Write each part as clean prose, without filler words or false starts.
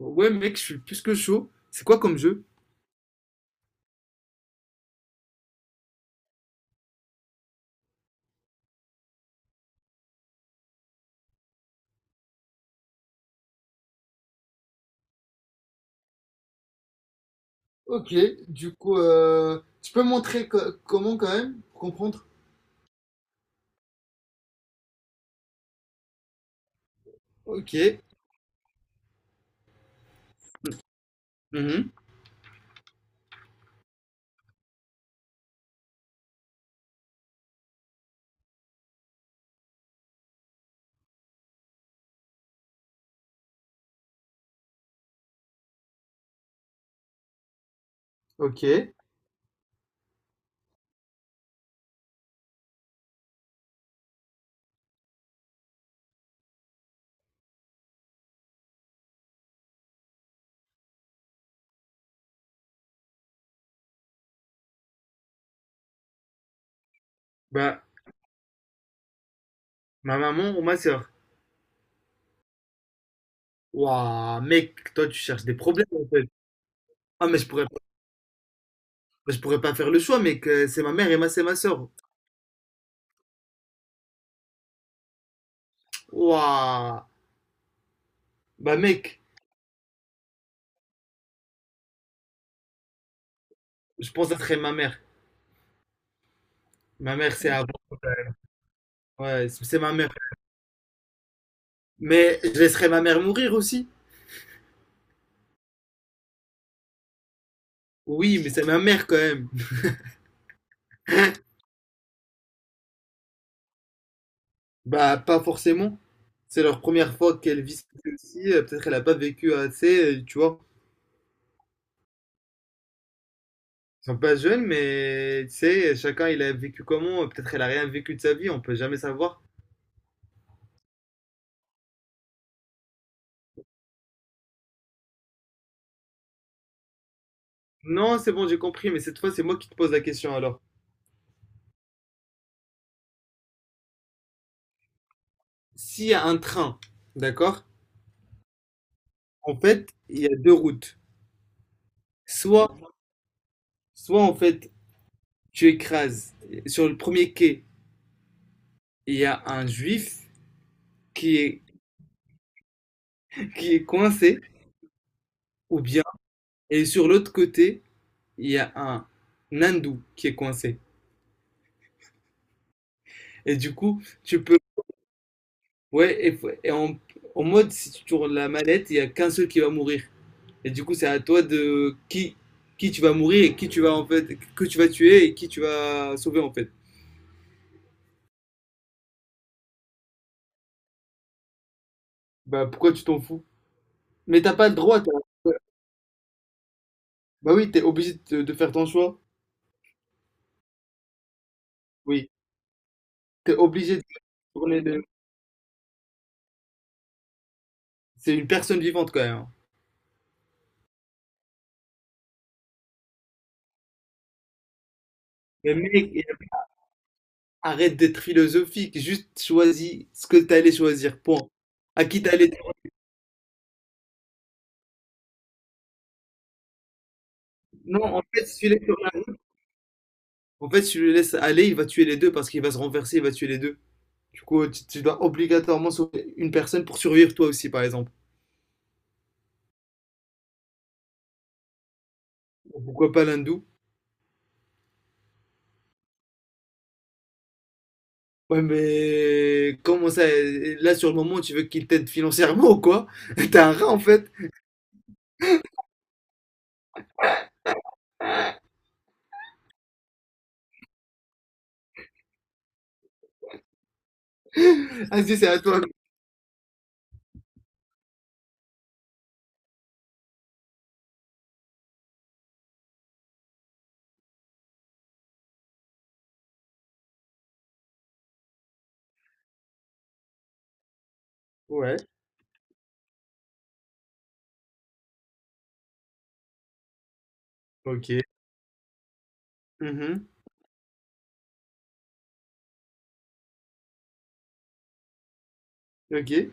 Ouais, mec, je suis plus que chaud. C'est quoi comme jeu? Ok, du coup, tu peux montrer comment quand même, pour comprendre? Ok. Mhm. Ok. Bah, ma maman ou ma sœur. Waouh, mec, toi, tu cherches des problèmes, en fait. Ah, mais je pourrais pas faire le choix, mec. C'est ma mère et ma, c'est ma sœur. Waouh. Bah, mec, je pense que ça serait ma mère. Ma mère, c'est avant. Ouais, c'est ma mère. Mais je laisserais ma mère mourir aussi. Oui, mais c'est ma mère quand même. Bah, pas forcément. C'est leur première fois qu'elles vivent ceci. Peut-être qu'elle n'a pas vécu assez, tu vois. Ils sont pas jeunes, mais tu sais, chacun il a vécu comment. Peut-être elle a rien vécu de sa vie, on peut jamais savoir. Non, c'est bon, j'ai compris, mais cette fois, c'est moi qui te pose la question alors. S'il y a un train, d'accord? En fait, il y a deux routes. Soit, soit en fait, tu écrases sur le premier quai, il y a un juif qui est, qui est coincé, ou bien, et sur l'autre côté, il y a un hindou qui est coincé. Et du coup, tu peux. Ouais, et, et en, en mode, si tu tournes la mallette, il y a qu'un seul qui va mourir. Et du coup, c'est à toi qui tu vas mourir et qui tu vas en fait, que tu vas tuer et qui tu vas sauver en fait. Bah pourquoi tu t'en fous? Mais t'as pas le droit. Bah oui, t'es obligé de faire ton choix. Oui, t'es obligé de tourner c'est une personne vivante quand même, hein. Mais mec, arrête d'être philosophique. Juste choisis ce que t'allais choisir. Point. À qui t'allais Non, en fait, si tu laisses rien- en fait, si tu le laisses aller, il va tuer les deux parce qu'il va se renverser, il va tuer les deux. Du coup, tu dois obligatoirement sauver une personne pour survivre toi aussi, par exemple. Pourquoi pas l'hindou? Ouais, mais comment ça? Là, sur le moment, tu veux qu'il t'aide financièrement ou quoi? T'es un rat, en fait. Vas-y, c'est à toi. Ouais, ok. Mhm, ok.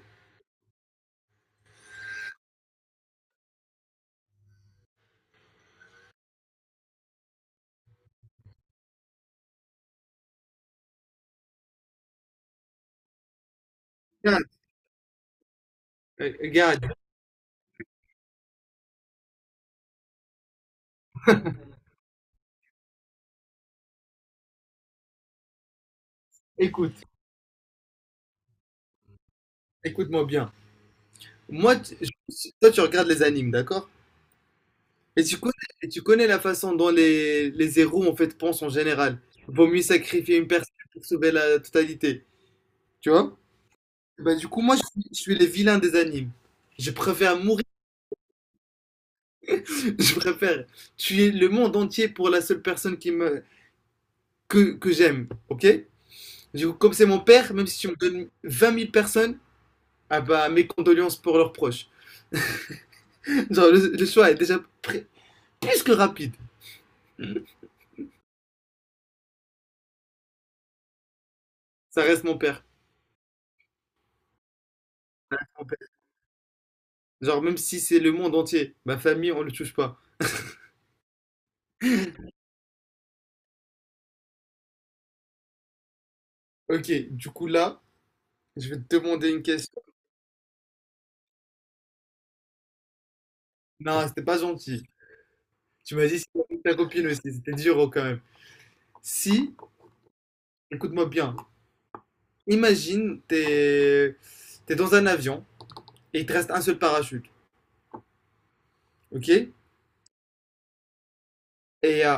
Regarde, regarde, écoute, écoute-moi bien. Toi, tu regardes les animes, d'accord? Et tu connais, et tu connais la façon dont les héros en fait pensent en général. Vaut mieux sacrifier une personne pour sauver la totalité. Tu vois? Bah, du coup, moi, je suis les vilains des animes. Je préfère mourir, je préfère tuer le monde entier pour la seule personne que j'aime. Ok? Du coup, comme c'est mon père, même si tu me donnes vingt mille personnes, ah bah, mes condoléances pour leurs proches. Genre, le choix est déjà plus que rapide. Ça reste mon père. Mon père. Genre, même si c'est le monde entier, ma famille, on le touche pas. Ok, du coup là, je vais te demander une question. Non, c'était pas gentil. Tu m'as dit c'était avec ta copine aussi, c'était dur oh, quand même. Si, écoute-moi bien, imagine, t'es dans un avion et il te reste un seul parachute, ok? Et euh,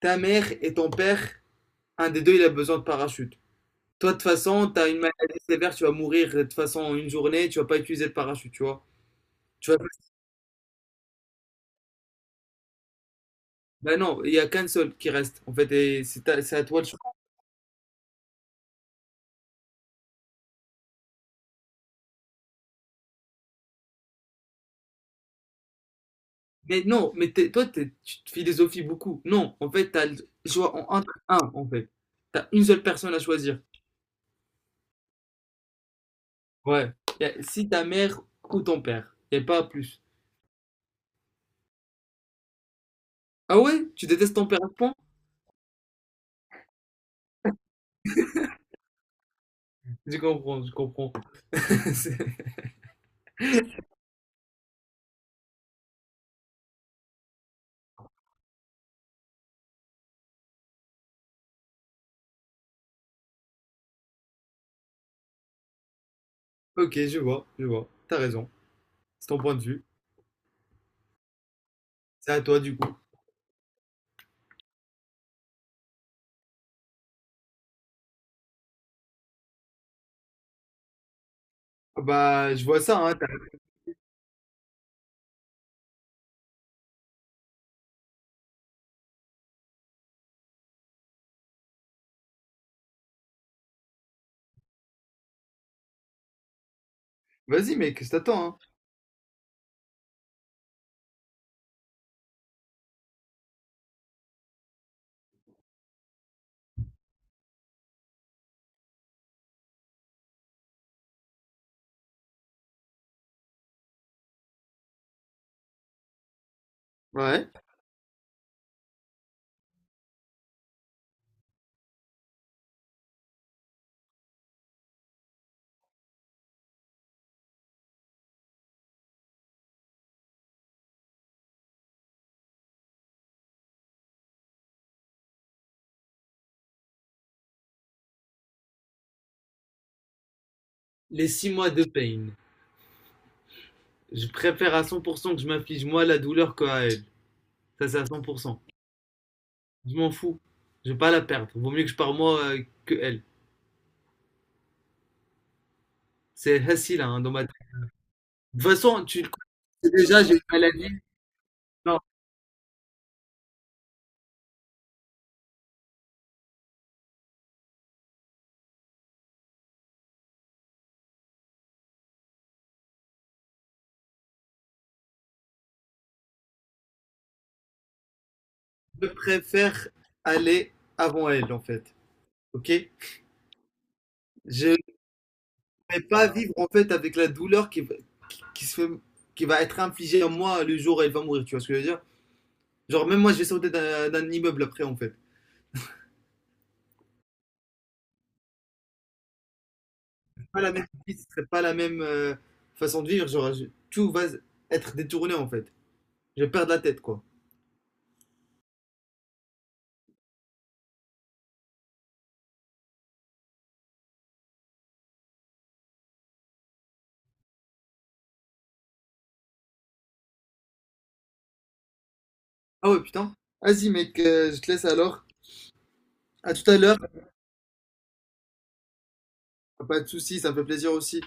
ta mère et ton père, un des deux, il a besoin de parachute. Toi, de toute façon, t'as une maladie sévère, tu vas mourir de toute façon en une journée, tu vas pas utiliser le parachute, tu vois? Tu vas... Bah non, il y a qu'un seul qui reste, en fait, et c'est à toi de choisir. Mais non, tu te philosophies beaucoup. Non, en fait, t'as le choix entre un, en fait. T'as une seule personne à choisir. Ouais. Si ta mère ou ton père. Y a pas plus. Ah ouais? Tu détestes ton père à ce point? Je comprends, je comprends. C'est- Ok, je vois, je vois. T'as raison. C'est ton point de vue. C'est à toi, du coup. Ah bah, je vois ça, hein. t'as- Vas-y, mec, je t'attends, hein. Ouais. Les six mois de peine. Je préfère à 100% que je m'afflige moi la douleur que à elle. Ça, c'est à 100%. Je m'en fous. Je vais pas la perdre. Vaut mieux que je pars moi que elle. C'est facile hein, dans ma tête. De toute façon, tu le connais déjà, j'ai une maladie. Non, je préfère aller avant elle en fait. Ok? Je ne vais pas vivre en fait avec la douleur qui se qui va être infligée à moi le jour où elle va mourir. Tu vois ce que je veux dire? Genre même moi, je vais sauter d'un immeuble après en fait. Pas la même vie, ce serait pas la même façon de vivre. Genre je- tout va être détourné en fait. Je vais perdre la tête quoi. Ah ouais, putain. Vas-y, mec, je te laisse alors. À tout à l'heure. Pas de soucis, ça me fait plaisir aussi.